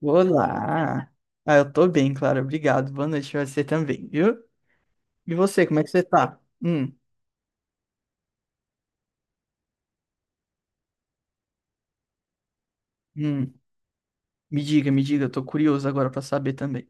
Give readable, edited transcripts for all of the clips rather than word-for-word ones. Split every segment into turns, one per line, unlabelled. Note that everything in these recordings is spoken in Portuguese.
Olá! Ah, eu tô bem, claro. Obrigado. Boa noite pra você também, viu? E você, como é que você tá? Hum. Me diga, me diga. Eu tô curioso agora pra saber também.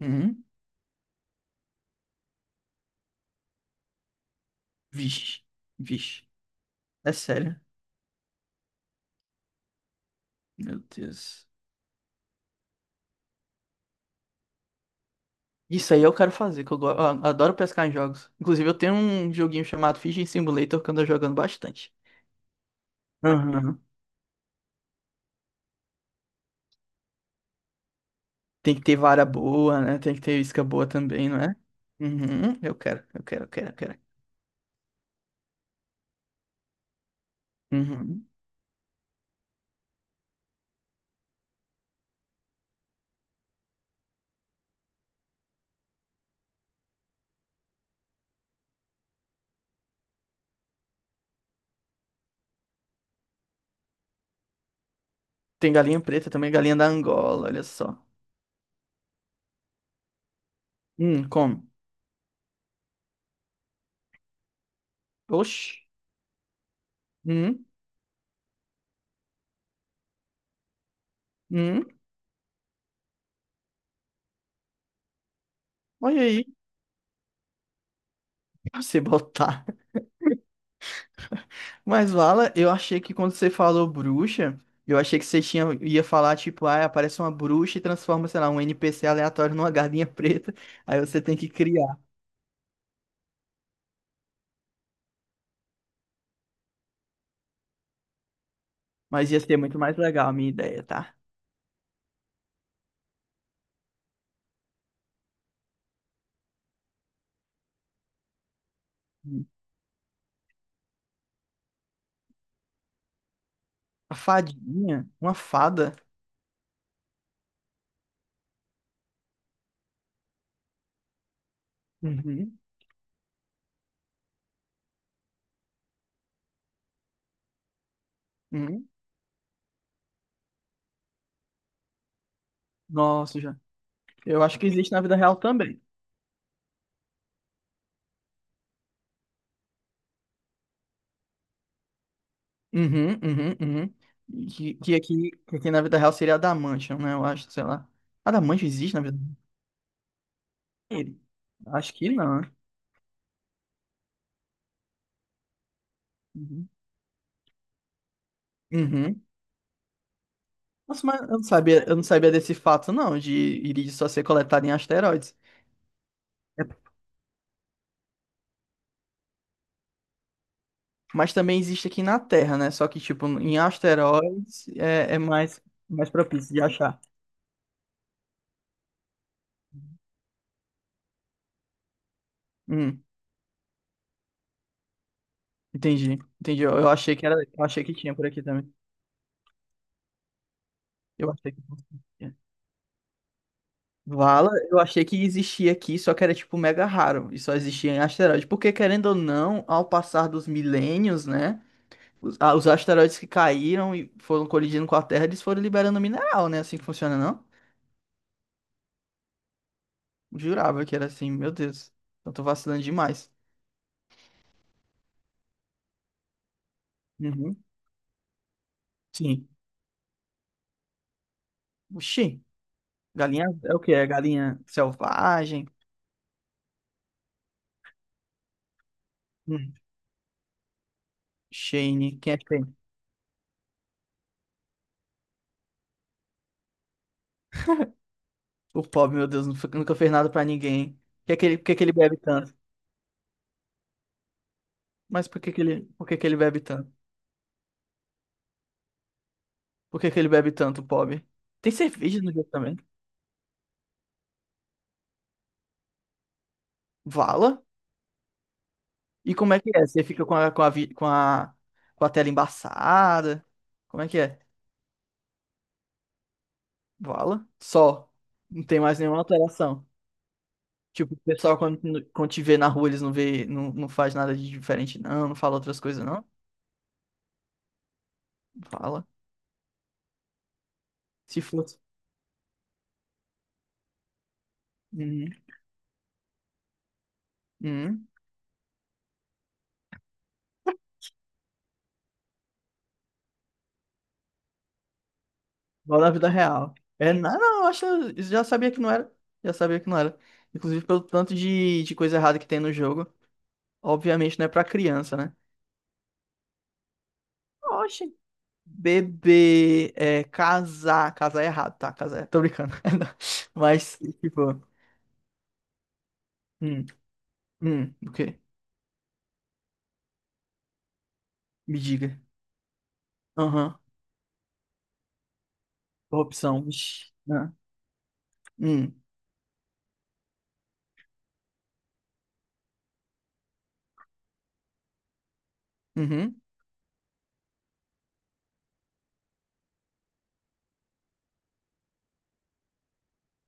Hum? Vixe, vixe. É sério. Meu Deus. Isso aí eu quero fazer, que eu, eu adoro pescar em jogos. Inclusive, eu tenho um joguinho chamado Fishing Simulator que eu ando jogando bastante. Aham. Tem que ter vara boa, né? Tem que ter isca boa também, não é? Uhum. Eu quero, eu quero, eu quero, eu quero. Uhum. Tem galinha preta também, galinha da Angola, olha só. Come. Oxi. Hum, hum. Olha aí, pra você botar. Mas, Vala, eu achei que quando você falou bruxa, eu achei que você tinha, ia falar, tipo, ah, aparece uma bruxa e transforma, sei lá, um NPC aleatório numa galinha preta. Aí você tem que criar. Mas ia ser muito mais legal a minha ideia, tá? Hum. A fadinha? Uma fada? Uhum, uhum. Nossa, já. Eu acho que existe na vida real também. Uhum, uhum, uhum. E que, que aqui na vida real seria Adamantium, né? Eu acho, sei lá. Adamantium existe na vida real? Acho que não. Né? Uhum. Uhum. Nossa, mas eu não sabia desse fato, não, de irídio só ser coletado em asteroides. É, mas também existe aqui na Terra, né? Só que, tipo, em asteroides é mais, mais propício de achar. Hum, entendi, entendi. Eu achei que era, eu achei que tinha por aqui também. Eu achei que fosse. Vala, eu achei que existia aqui, só que era tipo mega raro e só existia em asteroide. Porque querendo ou não, ao passar dos milênios, né? Os, ah, os asteroides que caíram e foram colidindo com a Terra, eles foram liberando mineral, né? Assim que funciona, não? Jurava que era assim, meu Deus. Eu tô vacilando demais. Uhum, sim. Oxi, galinha é o que? É galinha selvagem? Hum, Shane, quem é Shane? O pobre, meu Deus, nunca nunca fez nada pra ninguém. Por que que ele, por que que ele bebe tanto? Mas por que que ele, por que que ele bebe tanto? Por que que ele bebe tanto, pobre? Tem cerveja no jogo também. Vala? E como é que é? Você fica com a, com a, com a, com a tela embaçada? Como é que é? Vala? Só. Não tem mais nenhuma alteração. Tipo, o pessoal quando, quando te vê na rua, eles não vê, não, não faz nada de diferente, não, não fala outras coisas, não. Vala. Se fosse. Uhum. Uhum. Igual na vida real. É, não, não, eu acho, eu já sabia que não era. Já sabia que não era. Inclusive pelo tanto de coisa errada que tem no jogo. Obviamente não é pra criança, né? Oxe. Beber, é, casar. Casar é errado, tá? Casar é. Tô brincando. Mas, tipo. Hum, o quê? Me diga. Aham. Corrupção. Vixe. Ah. Hum, uhum.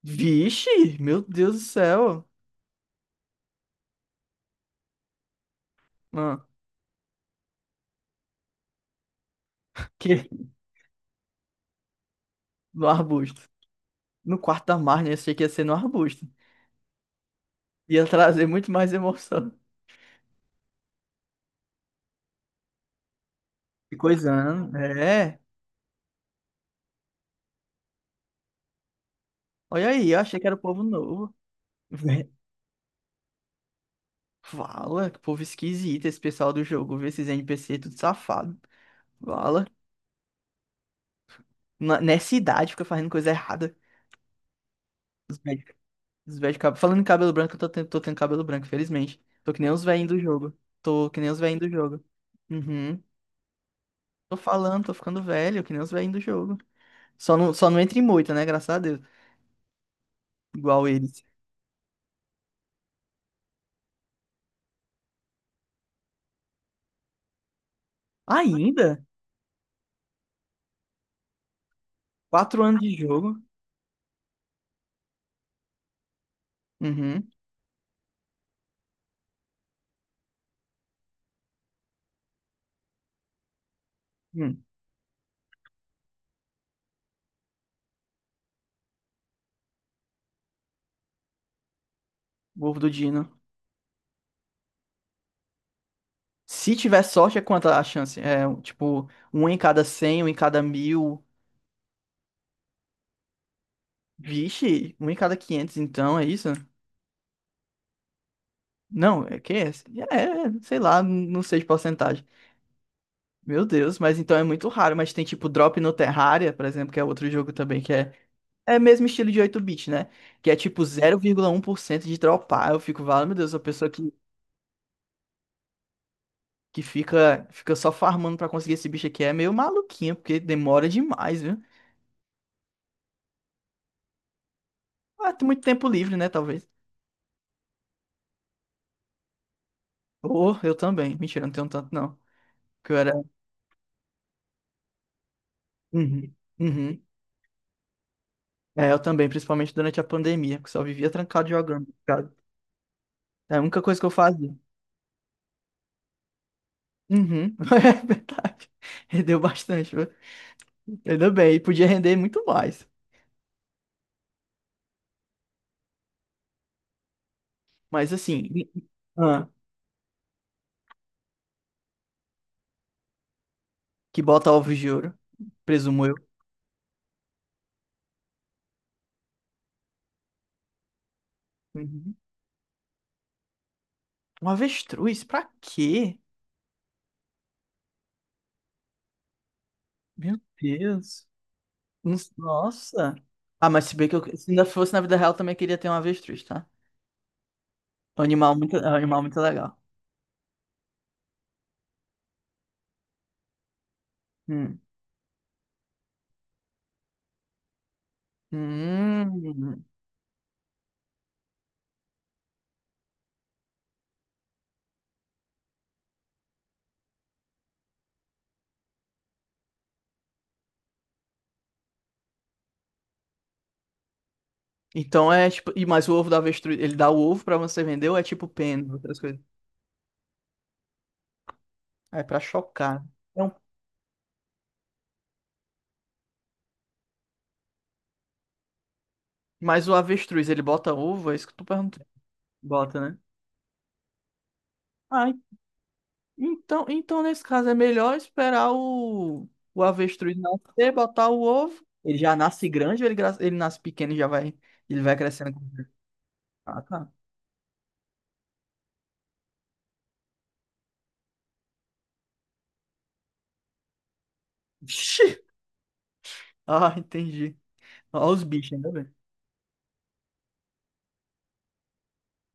Vixe, meu Deus do céu. Ah, que? No arbusto. No quarto da Marne. Eu achei que ia ser no arbusto. Ia trazer muito mais emoção. Que coisa, né? É. Olha aí, eu achei que era o povo novo. Vé, fala, que povo esquisito esse pessoal do jogo. Vê esses NPC tudo safado. Fala. Nessa idade fica fazendo coisa errada. Os velhos, falando em cabelo branco, eu tô tendo cabelo branco, felizmente. Tô que nem os velhinhos do jogo. Tô que nem os velhinhos do jogo. Uhum. Tô falando, tô ficando velho, que nem os velhinhos do jogo. Só não entra em moita, né? Graças a Deus. Igual eles. Ainda? 4 anos de jogo. Uhum. Hum. O ovo do Dino. Se tiver sorte, é quanta a chance? É, tipo, 1 em cada 100, 1 em cada 1.000. Vixe, 1 em cada 500 então, é isso? Não, é que é, é, sei lá, não sei de porcentagem. Meu Deus, mas então é muito raro, mas tem tipo Drop no Terraria, por exemplo, que é outro jogo também que é mesmo estilo de 8 bit, né? Que é tipo 0,1% de dropar. Eu fico, vale, meu Deus, a pessoa que fica só farmando pra conseguir esse bicho aqui é meio maluquinha, porque demora demais, viu? Ah, tem muito tempo livre, né, talvez. Ou eu também. Mentira, eu não tenho tanto não, porque eu era uhum, uhum. É, eu também, principalmente durante a pandemia, que só vivia trancado jogando. É a única coisa que eu fazia. Uhum. É verdade. Rendeu bastante, viu? Ainda bem. E podia render muito mais. Mas assim, ah, que bota ovos de ouro, presumo eu. Uhum. Um avestruz? Pra quê? Meu Deus. Nossa. Ah, mas se bem que eu, se ainda fosse na vida real, eu também queria ter um avestruz, tá? É um animal muito, é um animal muito legal. Hum. Hum. Então é tipo. E mais o ovo da avestruz. Ele dá o ovo pra você vender ou é tipo pena, outras coisas? Ah, é pra chocar. É um mas o avestruz, ele bota ovo? É isso que tu perguntou. Bota, né? Ah, então, então nesse caso é melhor esperar o avestruz nascer, botar o ovo. Ele já nasce grande ou ele, ele nasce pequeno e já vai. Ele vai crescendo. Ah, tá. Vixe! Ah, entendi. Olha os bichos, ainda bem.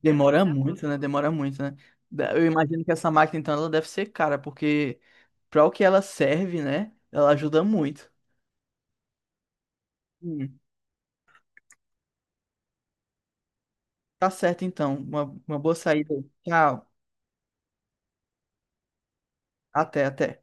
Demora muito, né? Demora muito, né? Eu imagino que essa máquina, então, ela deve ser cara, porque para o que ela serve, né? Ela ajuda muito. Hum. Tá certo, então. Uma boa saída. Aí. Tchau. Até, até.